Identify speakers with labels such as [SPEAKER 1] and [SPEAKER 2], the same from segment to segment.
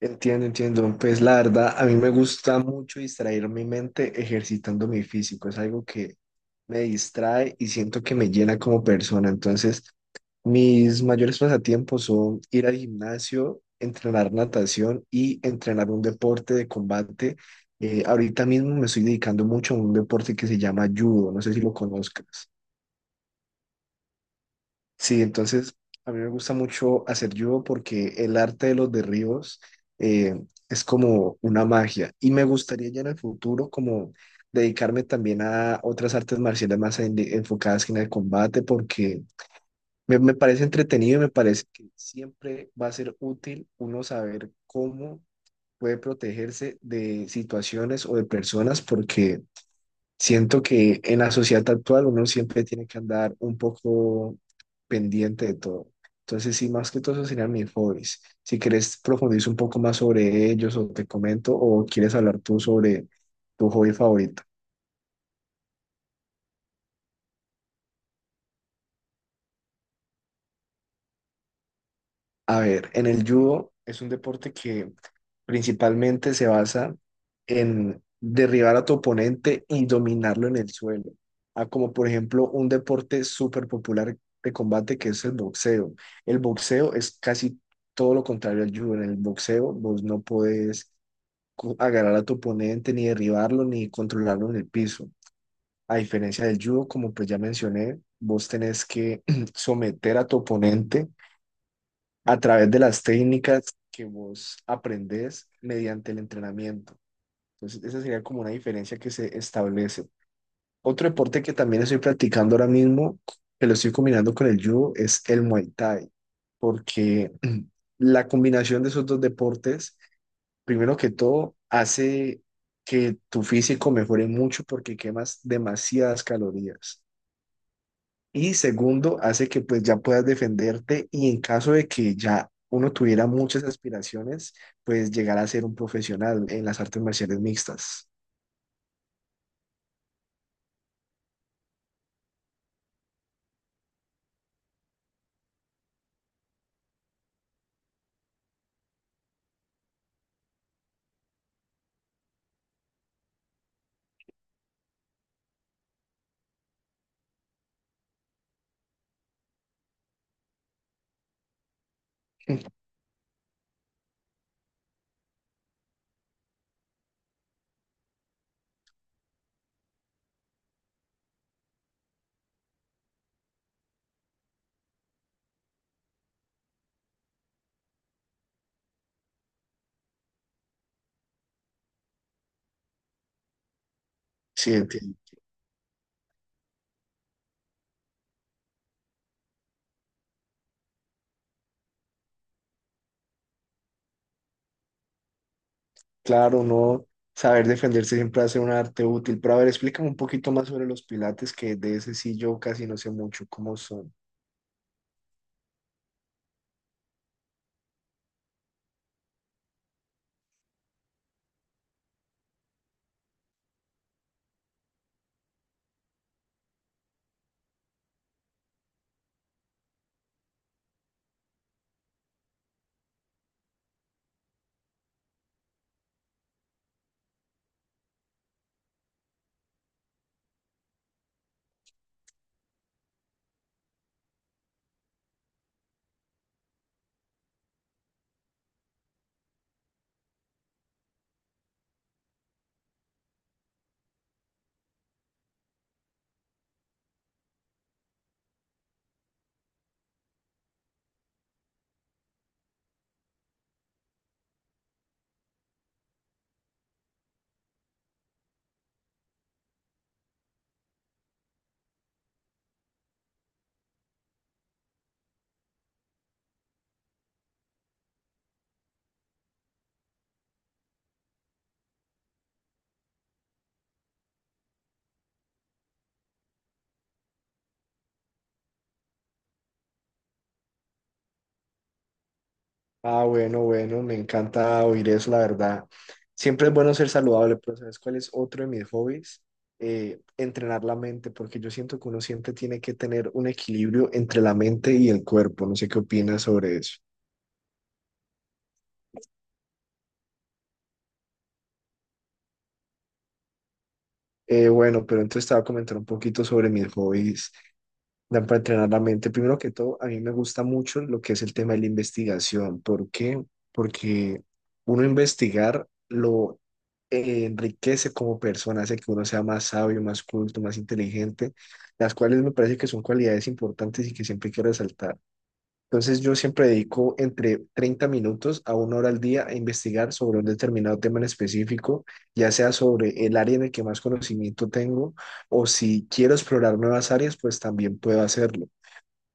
[SPEAKER 1] Entiendo, entiendo. Pues la verdad, a mí me gusta mucho distraer mi mente ejercitando mi físico. Es algo que me distrae y siento que me llena como persona. Entonces, mis mayores pasatiempos son ir al gimnasio, entrenar natación y entrenar un deporte de combate. Ahorita mismo me estoy dedicando mucho a un deporte que se llama judo. No sé si lo conozcas. Sí, entonces a mí me gusta mucho hacer judo porque el arte de los derribos eh, es como una magia y me gustaría ya en el futuro como dedicarme también a otras artes marciales más enfocadas en el combate porque me parece entretenido y me parece que siempre va a ser útil uno saber cómo puede protegerse de situaciones o de personas porque siento que en la sociedad actual uno siempre tiene que andar un poco pendiente de todo. Entonces, sí, más que todo, esos serían mis hobbies. Si quieres profundizar un poco más sobre ellos o te comento o quieres hablar tú sobre tu hobby favorito. A ver, en el judo es un deporte que principalmente se basa en derribar a tu oponente y dominarlo en el suelo. Ah, como por ejemplo un deporte súper popular de combate que es el boxeo. El boxeo es casi todo lo contrario al judo. En el boxeo vos no podés agarrar a tu oponente, ni derribarlo, ni controlarlo en el piso. A diferencia del judo, como pues ya mencioné, vos tenés que someter a tu oponente a través de las técnicas que vos aprendés mediante el entrenamiento. Entonces, esa sería como una diferencia que se establece. Otro deporte que también estoy practicando ahora mismo, que lo estoy combinando con el judo, es el Muay Thai, porque la combinación de esos dos deportes, primero que todo, hace que tu físico mejore mucho porque quemas demasiadas calorías. Y segundo, hace que pues ya puedas defenderte y en caso de que ya uno tuviera muchas aspiraciones, pues llegar a ser un profesional en las artes marciales mixtas. Sí, entiendo. Claro, no saber defenderse siempre hace un arte útil. Pero a ver, explícame un poquito más sobre los pilates, que de ese sí yo casi no sé mucho cómo son. Ah, bueno, bueno, me encanta oír eso, la verdad. Siempre es bueno ser saludable, pero ¿sabes cuál es otro de mis hobbies? Entrenar la mente, porque yo siento que uno siempre tiene que tener un equilibrio entre la mente y el cuerpo. No sé qué opinas sobre eso. Bueno, pero entonces te voy a comentar un poquito sobre mis hobbies. Dan para entrenar la mente. Primero que todo, a mí me gusta mucho lo que es el tema de la investigación. ¿Por qué? Porque uno investigar lo enriquece como persona, hace que uno sea más sabio, más culto, más inteligente, las cuales me parece que son cualidades importantes y que siempre quiero resaltar. Entonces, yo siempre dedico entre 30 minutos a una hora al día a investigar sobre un determinado tema en específico, ya sea sobre el área en el que más conocimiento tengo o si quiero explorar nuevas áreas, pues también puedo hacerlo.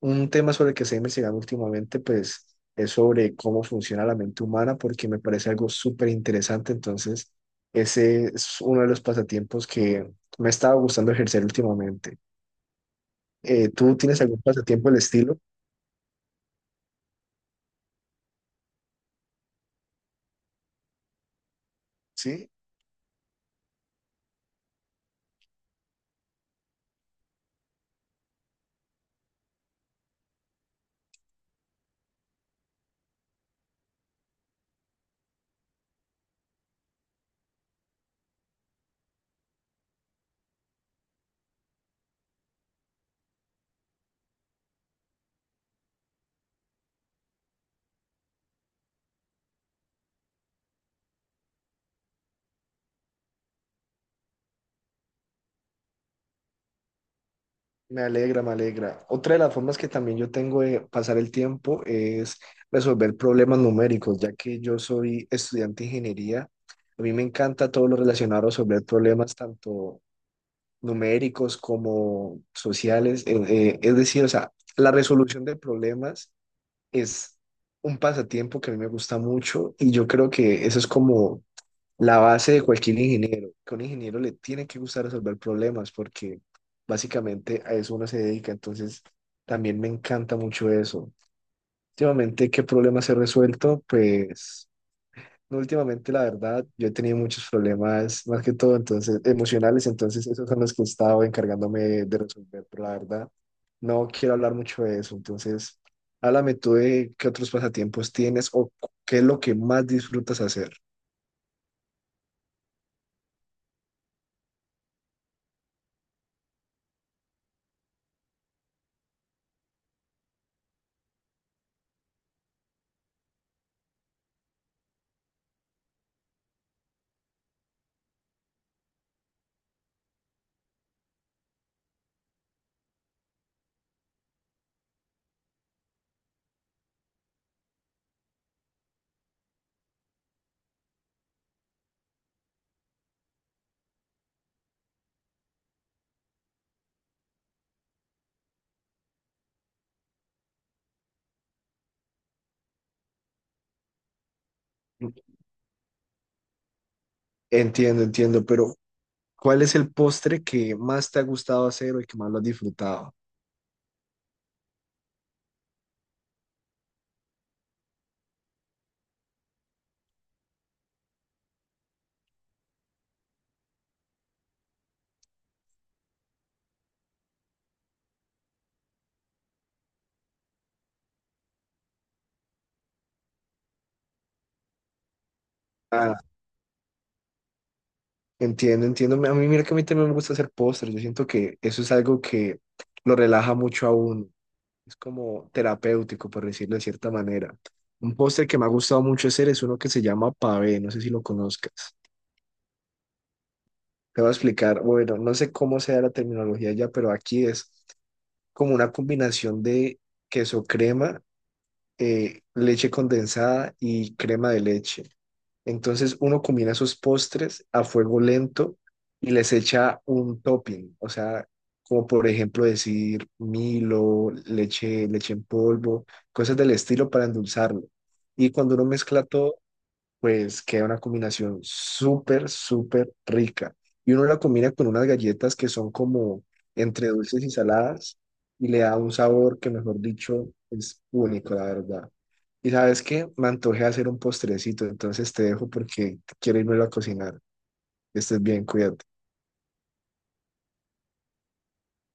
[SPEAKER 1] Un tema sobre el que se ha investigado últimamente, pues, es sobre cómo funciona la mente humana, porque me parece algo súper interesante. Entonces, ese es uno de los pasatiempos que me estaba gustando ejercer últimamente. ¿Tú tienes algún pasatiempo del estilo? Sí, me alegra, me alegra. Otra de las formas que también yo tengo de pasar el tiempo es resolver problemas numéricos, ya que yo soy estudiante de ingeniería. A mí me encanta todo lo relacionado a resolver problemas, tanto numéricos como sociales. Es decir, o sea, la resolución de problemas es un pasatiempo que a mí me gusta mucho y yo creo que eso es como la base de cualquier ingeniero, que a un ingeniero le tiene que gustar resolver problemas porque básicamente a eso uno se dedica. Entonces, también me encanta mucho eso. Últimamente, ¿qué problemas he resuelto? Pues... No, últimamente, la verdad, yo he tenido muchos problemas, más que todo, entonces, emocionales, entonces esos son los que he estado encargándome de resolver, pero la verdad, no quiero hablar mucho de eso, entonces, háblame tú de qué otros pasatiempos tienes o qué es lo que más disfrutas hacer. Entiendo, entiendo, pero ¿cuál es el postre que más te ha gustado hacer o el que más lo has disfrutado? Ah, entiendo, entiendo. A mí, mira que a mí también me gusta hacer postres, yo siento que eso es algo que lo relaja mucho a uno. Es como terapéutico, por decirlo de cierta manera. Un postre que me ha gustado mucho hacer es uno que se llama pavé, no sé si lo conozcas. Te voy a explicar, bueno, no sé cómo sea la terminología ya, pero aquí es como una combinación de queso crema, leche condensada y crema de leche. Entonces uno combina esos postres a fuego lento y les echa un topping, o sea, como por ejemplo decir Milo, leche, leche en polvo, cosas del estilo para endulzarlo. Y cuando uno mezcla todo, pues queda una combinación súper, súper rica. Y uno la combina con unas galletas que son como entre dulces y saladas y le da un sabor que, mejor dicho, es único, la verdad. Y sabes qué, me antojé hacer un postrecito, entonces te dejo porque quiero irme a cocinar. Estés bien, cuídate.